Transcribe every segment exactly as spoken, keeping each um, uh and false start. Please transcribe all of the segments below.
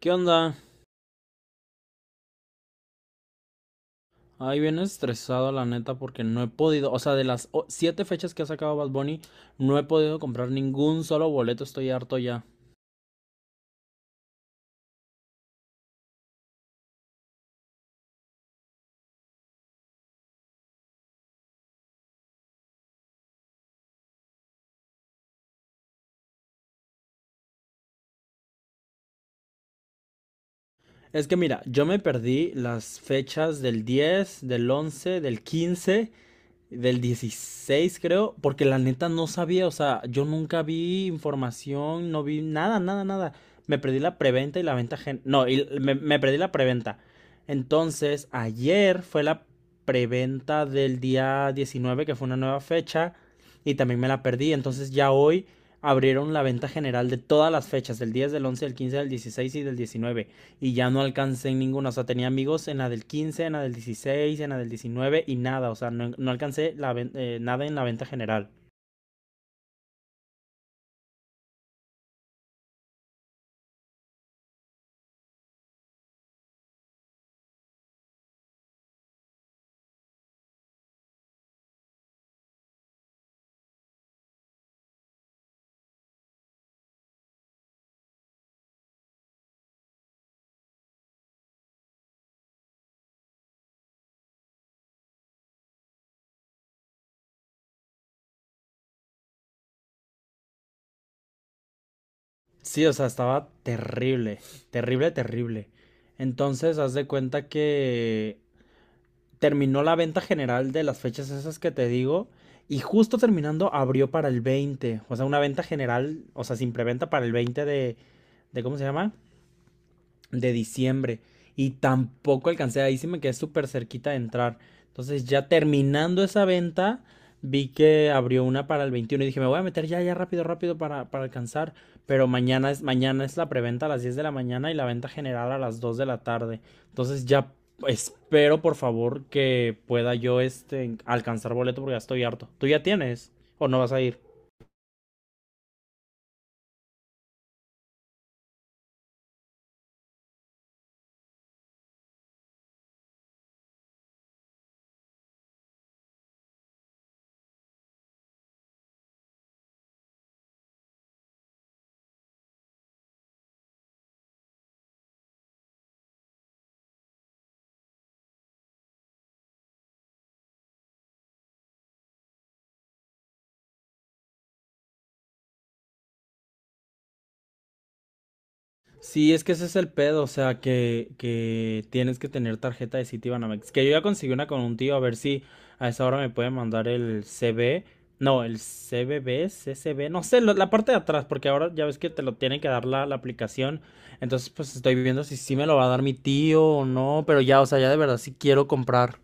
¿Qué onda? Ay, bien estresado, la neta, porque no he podido, o sea, de las o- siete fechas que ha sacado Bad Bunny, no he podido comprar ningún solo boleto, estoy harto ya. Es que mira, yo me perdí las fechas del diez, del once, del quince, del dieciséis, creo, porque la neta no sabía, o sea, yo nunca vi información, no vi nada, nada, nada. Me perdí la preventa y la venta. gen... No, y me, me perdí la preventa. Entonces, ayer fue la preventa del día diecinueve que fue una nueva fecha, y también me la perdí. Entonces ya hoy abrieron la venta general de todas las fechas, del diez, del once, del quince, del dieciséis y del diecinueve y ya no alcancé en ninguna. O sea, tenía amigos en la del quince, en la del dieciséis, en la del diecinueve y nada. O sea, no, no alcancé la eh, nada en la venta general. Sí, o sea, estaba terrible, terrible, terrible. Entonces, haz de cuenta que terminó la venta general de las fechas esas que te digo. Y justo terminando abrió para el veinte, o sea, una venta general, o sea, sin preventa para el veinte de, de ¿cómo se llama?, de diciembre, y tampoco alcancé, ahí sí me quedé súper cerquita de entrar. Entonces ya terminando esa venta, vi que abrió una para el veintiuno y dije, me voy a meter ya, ya rápido, rápido para, para alcanzar. Pero mañana es, mañana es la preventa a las diez de la mañana y la venta general a las dos de la tarde. Entonces ya espero, por favor, que pueda yo este, alcanzar boleto porque ya estoy harto. ¿Tú ya tienes o no vas a ir? Sí, es que ese es el pedo, o sea, que, que tienes que tener tarjeta de Citibanamex. Que yo ya conseguí una con un tío, a ver si a esa hora me puede mandar el C B. No, el C B B, C C B, no sé, lo- la parte de atrás, porque ahora ya ves que te lo tiene que dar la, la aplicación. Entonces, pues estoy viendo si sí me lo va a dar mi tío o no, pero ya, o sea, ya de verdad sí quiero comprar.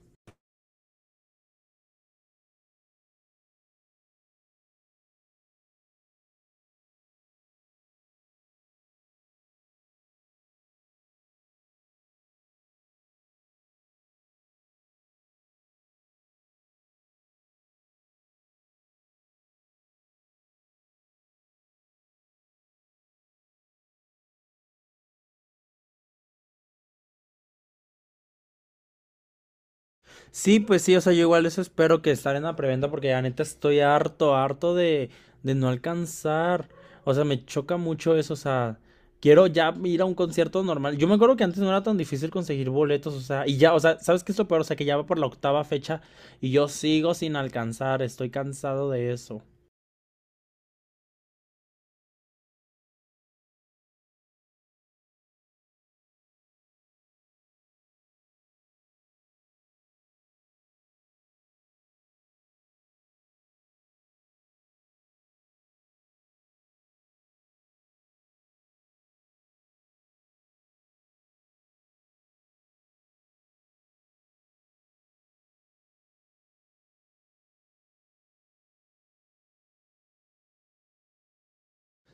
Sí, pues sí, o sea, yo igual eso espero, que estar en la preventa, porque ya neta estoy harto, harto de, de no alcanzar. O sea, me choca mucho eso, o sea, quiero ya ir a un concierto normal. Yo me acuerdo que antes no era tan difícil conseguir boletos, o sea, y ya, o sea, ¿sabes qué es lo peor? O sea, que ya va por la octava fecha y yo sigo sin alcanzar, estoy cansado de eso.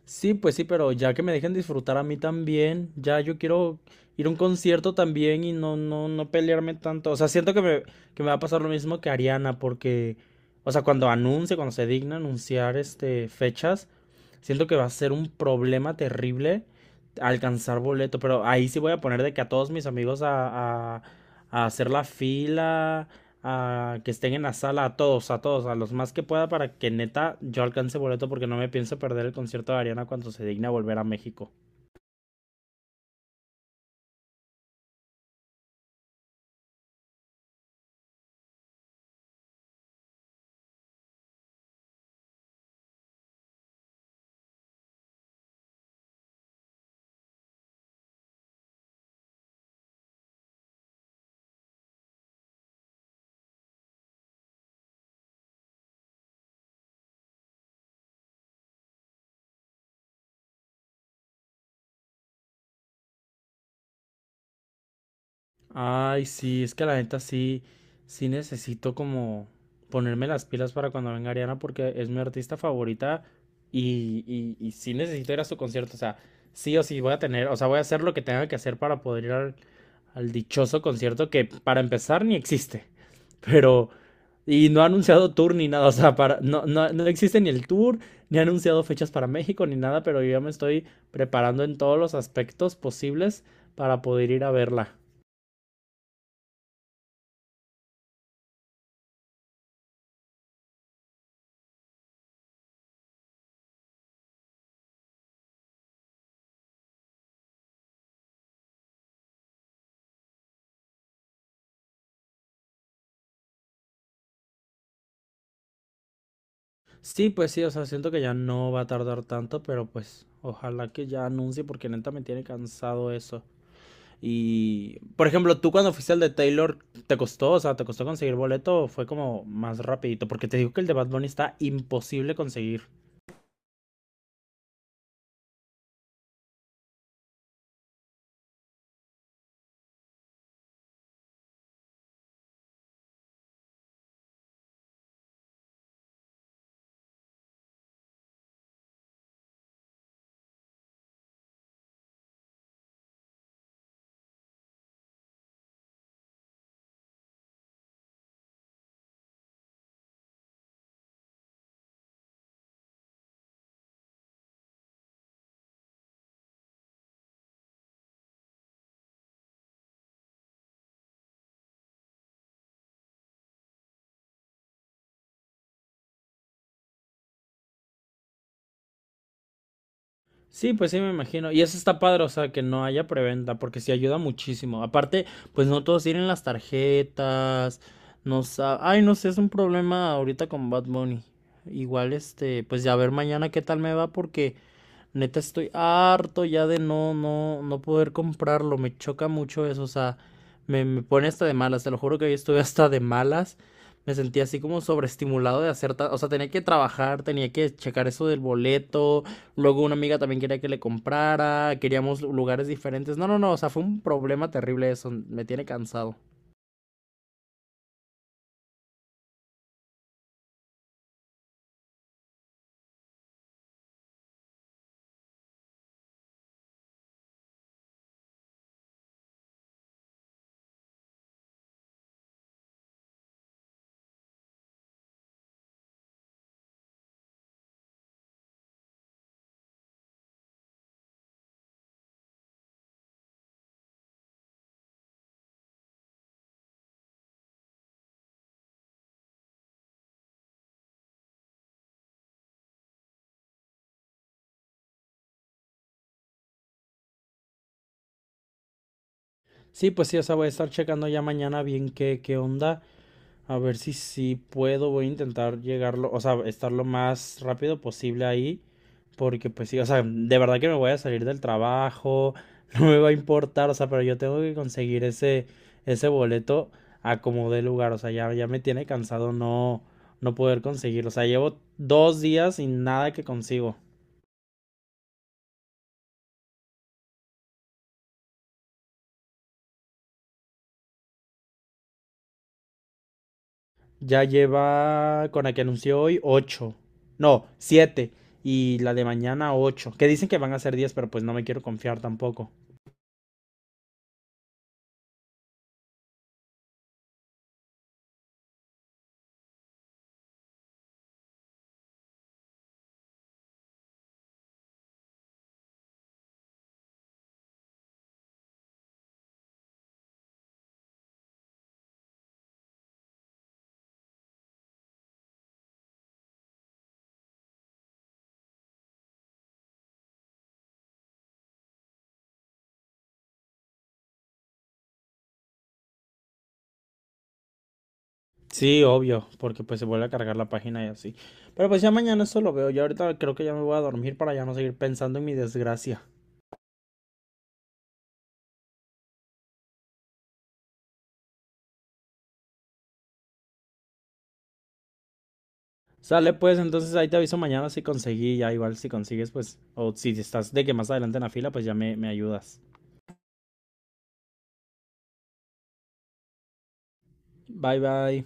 Sí, pues sí, pero ya que me dejen disfrutar a mí también, ya yo quiero ir a un concierto también y no, no, no pelearme tanto. O sea, siento que me, que me va a pasar lo mismo que Ariana, porque, o sea, cuando anuncie, cuando se digna anunciar este fechas, siento que va a ser un problema terrible alcanzar boleto, pero ahí sí voy a poner de que a todos mis amigos a, a- a hacer la fila, a que estén en la sala, a todos, a todos, a los más que pueda para que neta yo alcance boleto porque no me pienso perder el concierto de Ariana cuando se digna volver a México. Ay, sí, es que la neta sí, sí necesito como ponerme las pilas para cuando venga Ariana porque es mi artista favorita y, y, y sí necesito ir a su concierto. O sea, sí o sí voy a tener, o sea, voy a hacer lo que tenga que hacer para poder ir al, al dichoso concierto que para empezar ni existe. Pero, y no ha anunciado tour ni nada, o sea, para, no, no, no existe ni el tour, ni ha anunciado fechas para México ni nada, pero yo ya me estoy preparando en todos los aspectos posibles para poder ir a verla. Sí, pues sí, o sea, siento que ya no va a tardar tanto, pero pues ojalá que ya anuncie porque neta me tiene cansado eso. Y, por ejemplo, tú cuando fuiste al de Taylor, ¿te costó? O sea, ¿te costó conseguir boleto o fue como más rapidito? Porque te digo que el de Bad Bunny está imposible conseguir. Sí, pues sí, me imagino. Y eso está padre, o sea, que no haya preventa, porque sí ayuda muchísimo. Aparte, pues no todos tienen las tarjetas, no sa- ay, no sé, es un problema ahorita con Bad Bunny. Igual, este, pues ya a ver mañana qué tal me va, porque neta estoy harto ya de no, no, no poder comprarlo. Me choca mucho eso, o sea, me, me pone hasta de malas, te lo juro que hoy estuve hasta de malas. Me sentí así como sobreestimulado de hacer, ta- o sea, tenía que trabajar, tenía que checar eso del boleto. Luego una amiga también quería que le comprara, queríamos lugares diferentes. No, no, no, o sea, fue un problema terrible eso, me tiene cansado. Sí, pues sí, o sea, voy a estar checando ya mañana bien qué, qué onda. A ver si sí puedo, voy a intentar llegarlo, o sea, estar lo más rápido posible ahí, porque pues sí, o sea, de verdad que me voy a salir del trabajo, no me va a importar, o sea, pero yo tengo que conseguir ese, ese boleto a como dé lugar, o sea, ya, ya me tiene cansado no, no poder conseguirlo, o sea, llevo dos días sin nada que consigo. Ya lleva con la que anunció hoy ocho, no, siete, y la de mañana ocho, que dicen que van a ser diez, pero pues no me quiero confiar tampoco. Sí, obvio, porque pues se vuelve a cargar la página y así. Pero pues ya mañana eso lo veo. Yo ahorita creo que ya me voy a dormir para ya no seguir pensando en mi desgracia. Sale pues, entonces ahí te aviso mañana si conseguí, ya igual si consigues pues, o si estás de que más adelante en la fila, pues ya me, me ayudas. Bye bye.